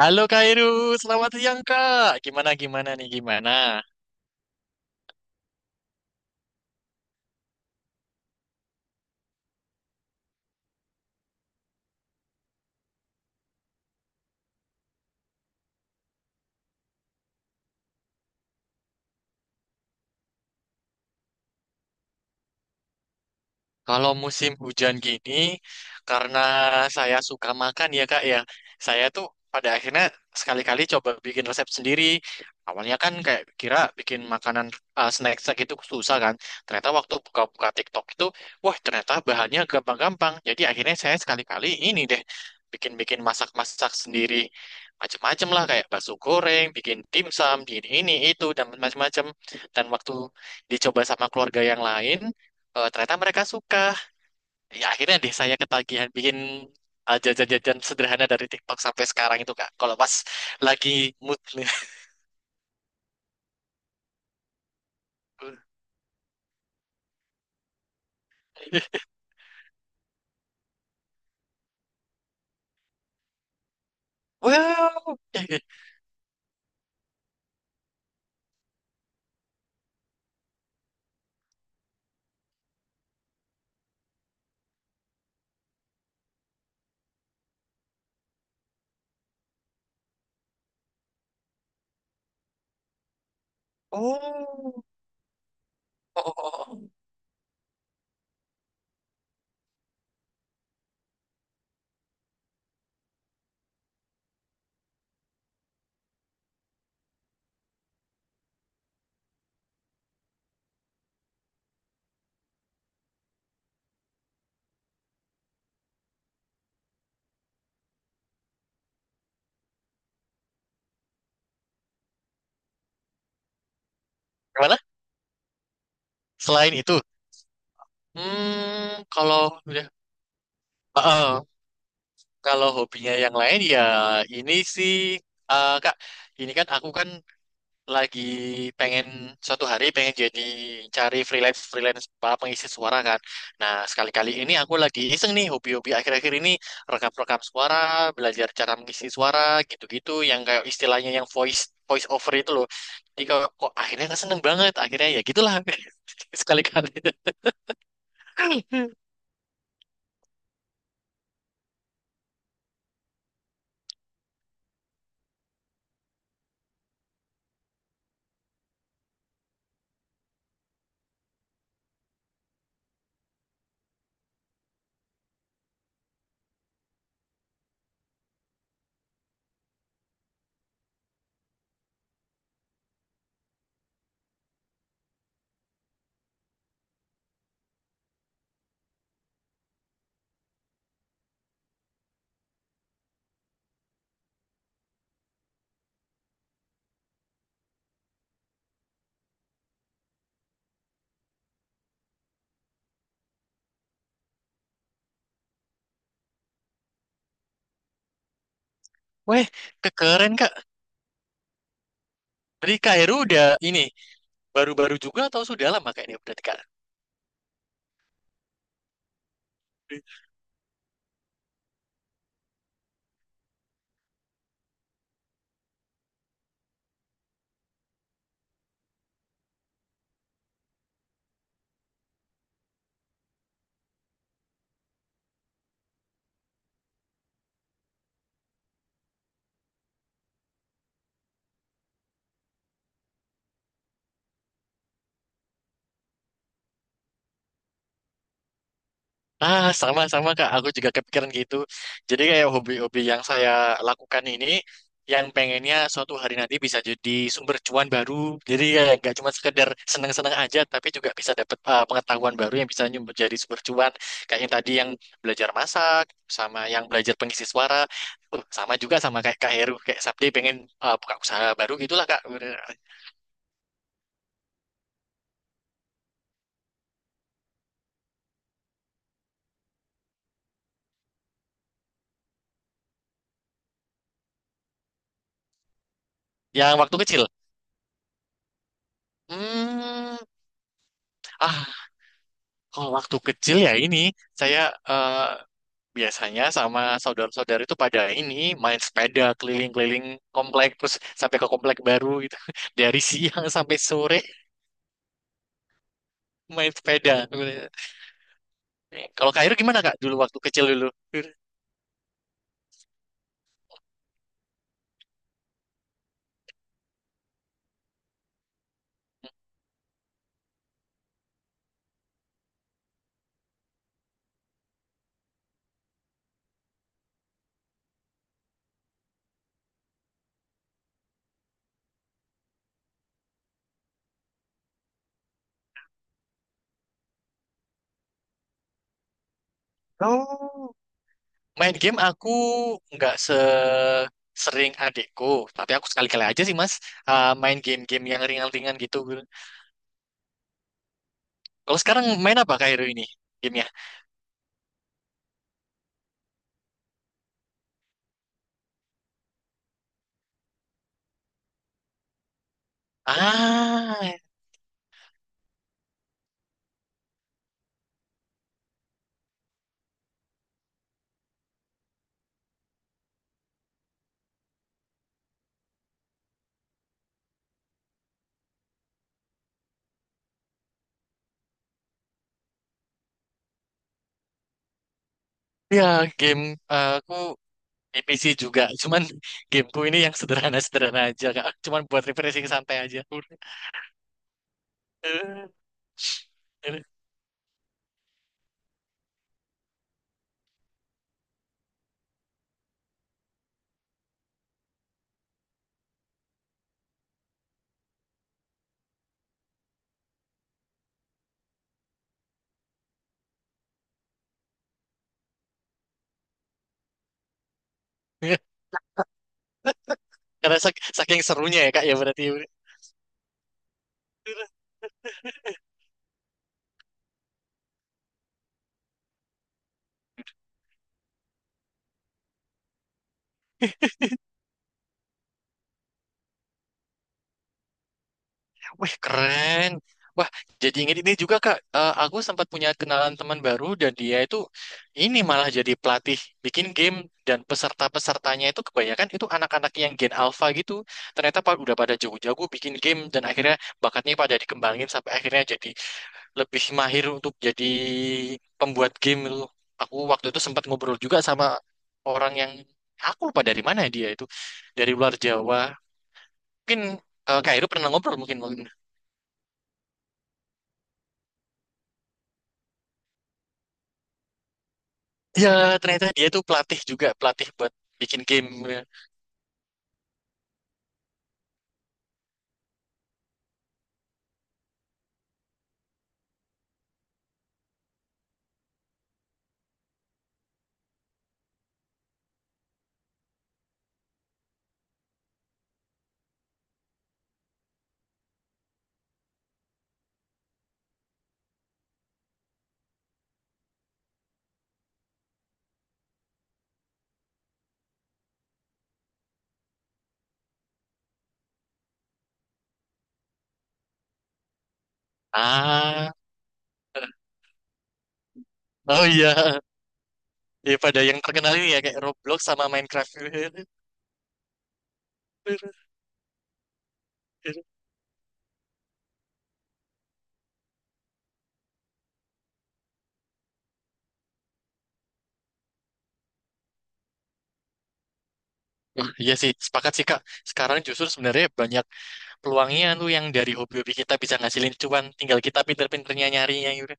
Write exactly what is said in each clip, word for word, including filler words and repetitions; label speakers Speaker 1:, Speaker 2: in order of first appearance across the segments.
Speaker 1: Halo Kak Iru, selamat siang Kak. Gimana gimana nih gimana? Kalau musim hujan gini, karena saya suka makan ya Kak ya, saya tuh pada akhirnya sekali-kali coba bikin resep sendiri. Awalnya kan kayak kira bikin makanan uh, snack-snack itu susah kan. Ternyata waktu buka-buka TikTok itu, wah ternyata bahannya gampang-gampang. Jadi akhirnya saya sekali-kali ini deh bikin-bikin masak-masak sendiri. Macem-macem lah kayak bakso goreng, bikin dimsum, ini ini itu dan macem-macem. Dan waktu dicoba sama keluarga yang lain, eh, ternyata mereka suka, ya akhirnya deh saya ketagihan bikin uh, jajan-jajan sederhana dari TikTok sampai sekarang itu kak kalau pas lagi mood nih. Wow. Oh. Oh, oh, oh. oh. Gimana selain itu? Hmm, kalau udah. Ah, ah. Kalau hobinya yang lain ya ini sih, uh, kak, ini kan aku kan lagi pengen, suatu hari pengen jadi cari freelance freelance apa, pengisi suara kan. Nah, sekali-kali ini aku lagi iseng nih hobi-hobi akhir-akhir ini rekam-rekam suara, belajar cara mengisi suara gitu-gitu yang kayak istilahnya yang voice voice over itu loh. Jadi kok, kok akhirnya kan seneng banget. Akhirnya ya gitulah. Sekali-kali. Weh, kekeren Kak. Dari Kak udah ini baru-baru juga atau sudah lama Kak ini berarti Kak? Ah, sama-sama Kak. Aku juga kepikiran gitu. Jadi kayak hobi-hobi yang saya lakukan ini, yang pengennya suatu hari nanti bisa jadi sumber cuan baru. Jadi kayak nggak cuma sekedar seneng-seneng aja, tapi juga bisa dapat uh, pengetahuan baru yang bisa nyumber jadi sumber cuan. Kayak yang tadi yang belajar masak, sama yang belajar pengisi suara. Uh, sama juga sama kayak Kak Heru, kayak Sabdi pengen uh, buka usaha baru gitulah Kak. Yang waktu kecil. Hmm, ah, kalau waktu kecil ya ini saya eh, biasanya sama saudara-saudara itu pada ini main sepeda keliling-keliling komplek terus sampai ke komplek baru gitu. Dari siang sampai sore main sepeda. Kalau Kak Iru gimana Kak dulu waktu kecil dulu? Oh, main game aku nggak se sering adekku, tapi aku sekali-kali aja sih Mas, eh, main game-game yang ringan-ringan gitu. Kalau sekarang main apa Kak Iru ini gamenya? Ah, ya game, eh, aku di P C juga, cuman gameku ini yang sederhana-sederhana aja, Kak. Cuman buat refreshing santai aja. Udah. Eh, eh. Karena sak- saking serunya ya, Kak, ya berarti. Wih, keren. Wah, jadi inget ini juga, Kak. Eh, aku sempat punya kenalan teman baru dan dia itu ini malah jadi pelatih bikin game dan peserta-pesertanya itu kebanyakan itu anak-anak yang gen alpha gitu. Ternyata pa- udah pada jago-jago bikin game dan akhirnya bakatnya pada dikembangin sampai akhirnya jadi lebih mahir untuk jadi pembuat game itu. Aku waktu itu sempat ngobrol juga sama orang yang, aku lupa dari mana dia itu, dari luar Jawa. Mungkin eh, Kak Heru pernah ngobrol mungkin mungkin. Ya, ternyata dia itu pelatih juga, pelatih buat bikin game. Ah, oh iya. Ya pada yang terkenal ini ya kayak Roblox sama Minecraft. Wah, iya sih, sepakat sih Kak. Sekarang justru sebenarnya banyak peluangnya tuh yang dari hobi-hobi kita bisa ngasilin cuan, tinggal kita pinter-pinternya nyarinya gitu.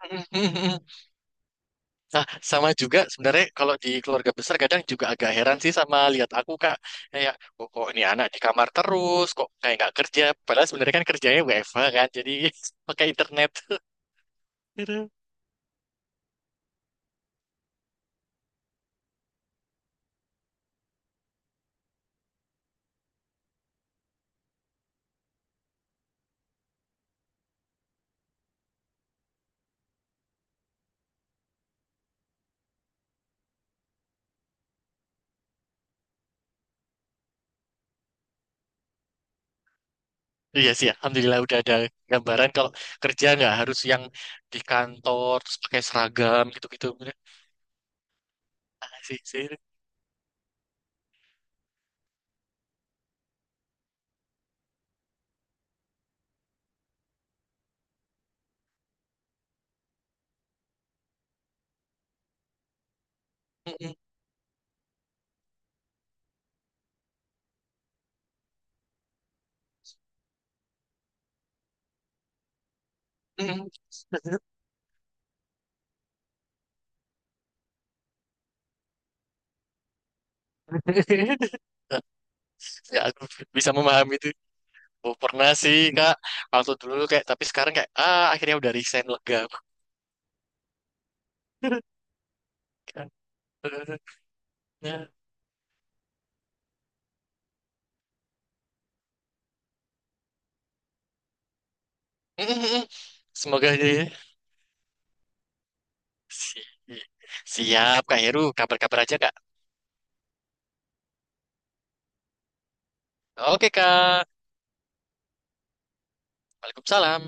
Speaker 1: Mhm, mhm, mhm. Nah, sama juga sebenarnya kalau di keluarga besar kadang juga agak heran sih sama lihat aku Kak. Kayak kok, kok ini anak di kamar terus, kok kayak nggak kerja. Padahal sebenarnya kan kerjanya W F H kan, jadi pakai internet. Gitu. Iya sih, alhamdulillah udah ada gambaran kalau kerja nggak harus yang di kantor terus pakai seragam gitu-gitu. Ah, sih, sih. Mhm, mhm. Ya, aku bisa memahami itu. Oh, pernah sih kak waktu dulu kayak, tapi sekarang kayak ah akhirnya udah resign lega. Ya. Mm-mm. Semoga aja ya. Si- siap kak Heru, kabar-kabar aja kak. Oke kak. Waalaikumsalam.